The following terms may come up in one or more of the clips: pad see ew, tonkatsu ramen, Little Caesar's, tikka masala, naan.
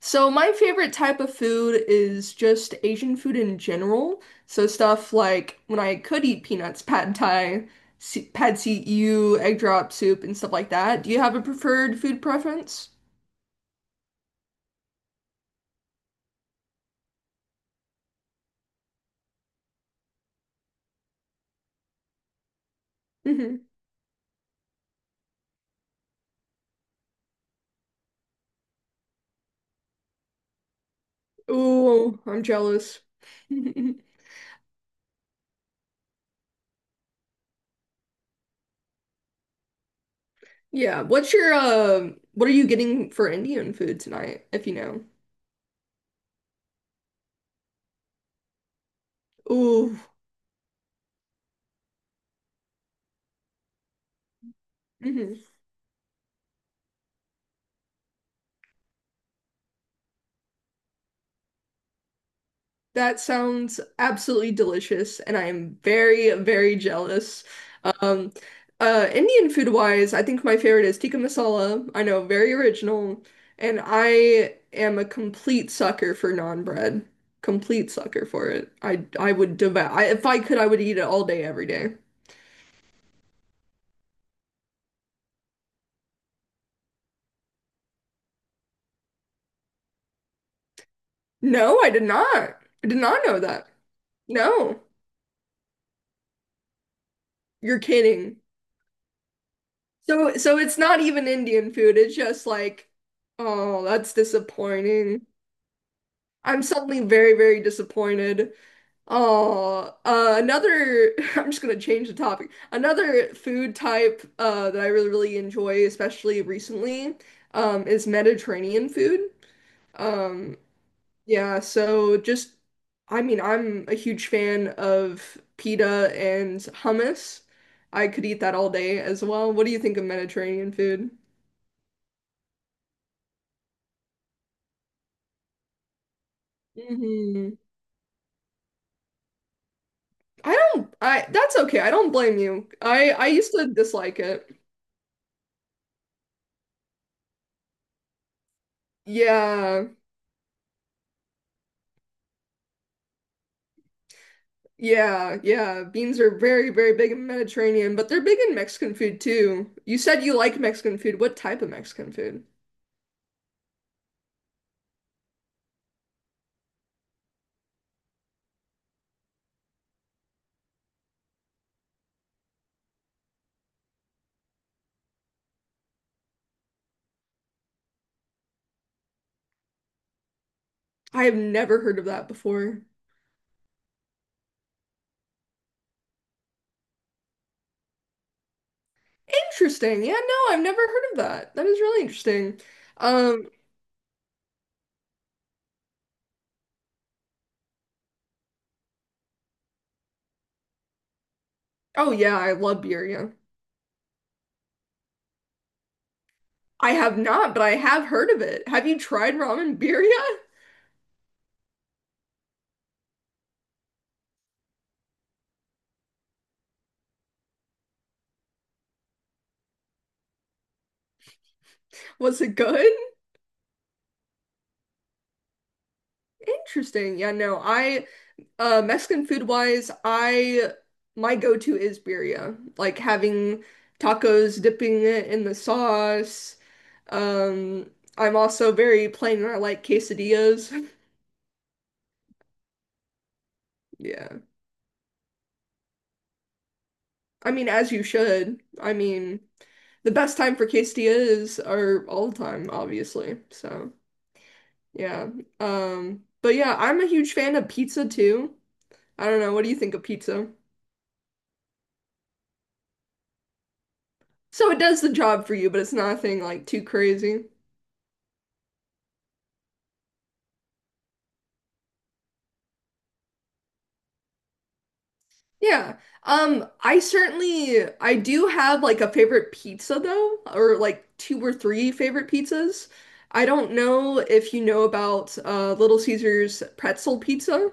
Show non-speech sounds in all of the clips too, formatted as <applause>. So my favorite type of food is just Asian food in general. So stuff like when I could eat peanuts, <laughs> pad thai, pad see ew, egg drop soup, and stuff like that. Do you have a preferred food preference? Hmm. Ooh, I'm jealous. <laughs> Yeah, what's your what are you getting for Indian food tonight, if you know? Ooh. Mhm. That sounds absolutely delicious, and I am very, very jealous. Um, Indian food wise, I think my favorite is tikka masala. I know, very original, and I am a complete sucker for naan bread. Complete sucker for it. I would devour. If I could, I would eat it all day, every day. No, I did not. I did not know that. No, you're kidding. So it's not even Indian food. It's just like, oh, that's disappointing. I'm suddenly very, very disappointed. Oh, <laughs> I'm just gonna change the topic. Another food type that I really, really enjoy, especially recently, is Mediterranean food. Um, yeah, so I mean, I'm a huge fan of pita and hummus. I could eat that all day as well. What do you think of Mediterranean food? Hmm. I don't, I, that's okay. I don't blame you. I used to dislike it. Yeah, yeah, yeah. Beans are very, very big in Mediterranean, but they're big in Mexican food too. You said you like Mexican food. What type of Mexican food? I have never heard of that before. Interesting. Yeah, no, I've never heard of that. That is really interesting. Um, oh yeah, I love birria. I have not, but I have heard of it. Have you tried ramen birria? <laughs> Was it good? Interesting. Yeah, no, I Mexican food wise, I my go-to is birria. Like having tacos, dipping it in the sauce. Um, I'm also very plain and I like quesadillas. <laughs> Yeah. I mean, as you should. I mean, the best time for quesadillas are all the time, obviously. So, yeah. But yeah, I'm a huge fan of pizza too. I don't know, what do you think of pizza? So it does the job for you, but it's nothing like too crazy. Yeah. I certainly I do have like a favorite pizza though, or like two or three favorite pizzas. I don't know if you know about Little Caesar's pretzel pizza.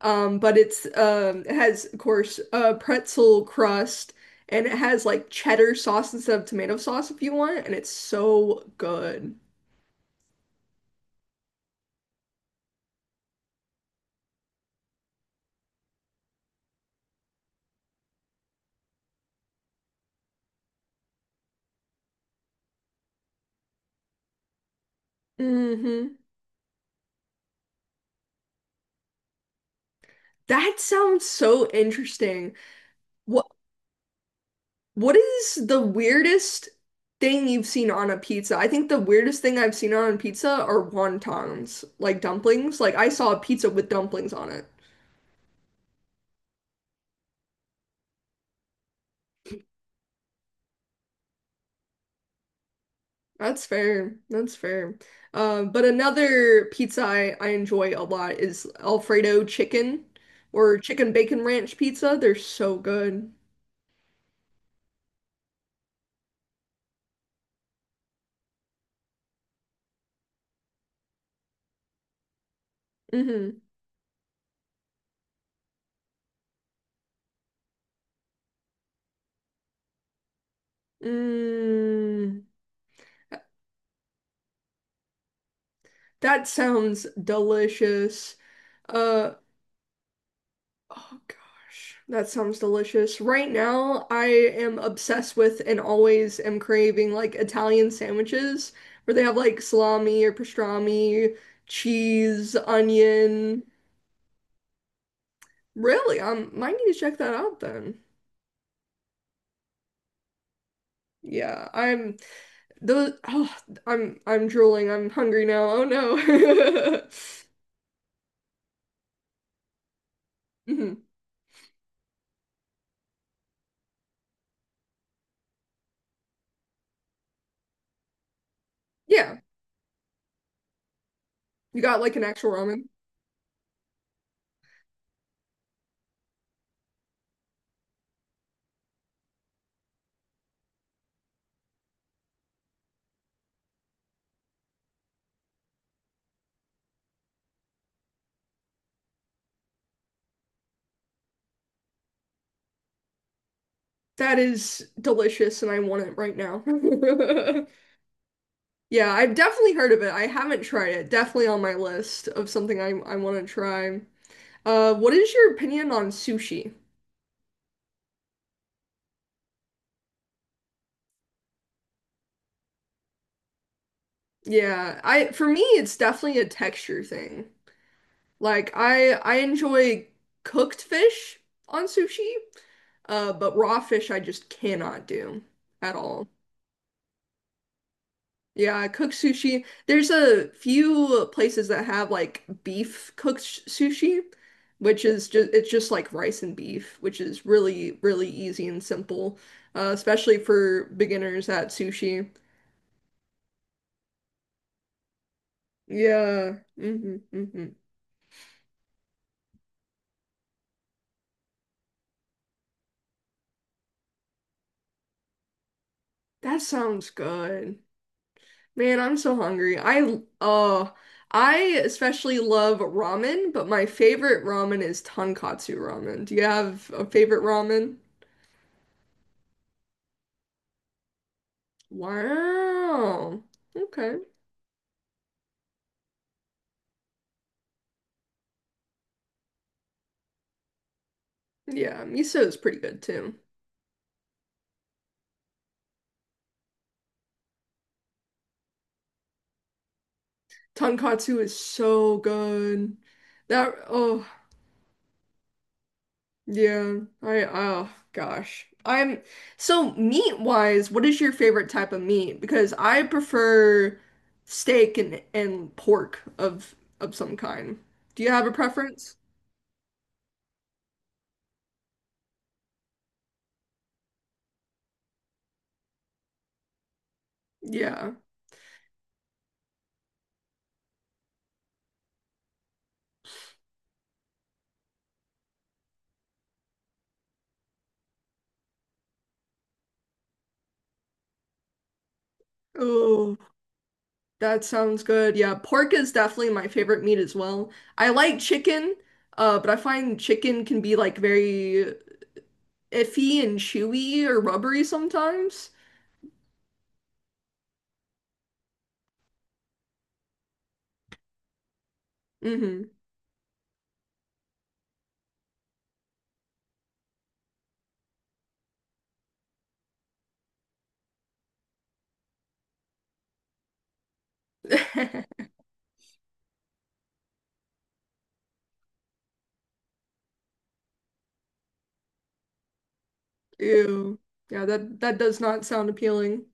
But it has of course pretzel crust, and it has like cheddar sauce instead of tomato sauce if you want, and it's so good. Mm-hmm. That sounds so interesting. What is the weirdest thing you've seen on a pizza? I think the weirdest thing I've seen on a pizza are wontons, like dumplings. Like I saw a pizza with dumplings on it. That's fair. That's fair. But another pizza I enjoy a lot is Alfredo chicken or chicken bacon ranch pizza. They're so good. Mm-hmm. Mm. That sounds delicious. Uh, Oh gosh, that sounds delicious. Right now, I am obsessed with and always am craving like Italian sandwiches where they have like salami or pastrami, cheese, onion. Really, might need to check that out then. Yeah, I'm those. Oh, I'm drooling. I'm hungry now. Oh no. <laughs> Mhm. Yeah, you got like an actual ramen. That is delicious, and I want it right now. <laughs> Yeah, I've definitely heard of it. I haven't tried it. Definitely on my list of something I want to try. What is your opinion on sushi? Yeah, I for me it's definitely a texture thing. Like I enjoy cooked fish on sushi, but raw fish I just cannot do at all. Yeah, cooked sushi. There's a few places that have like beef cooked sushi, which is just it's just like rice and beef, which is really easy and simple, especially for beginners at sushi. Yeah. Hmm, hmm. That sounds good. Man, I'm so hungry. I especially love ramen, but my favorite ramen is tonkatsu ramen. Do you have a favorite ramen? Wow. Okay. Yeah, miso is pretty good too. Tonkatsu is so good. That Oh yeah, I oh gosh. I'm so meat wise, what is your favorite type of meat? Because I prefer steak and pork of some kind. Do you have a preference? Yeah. Oh, that sounds good. Yeah, pork is definitely my favorite meat as well. I like chicken, but I find chicken can be like very iffy and chewy or rubbery sometimes. Mm-hmm. <laughs> Ew. Yeah, that does not sound appealing.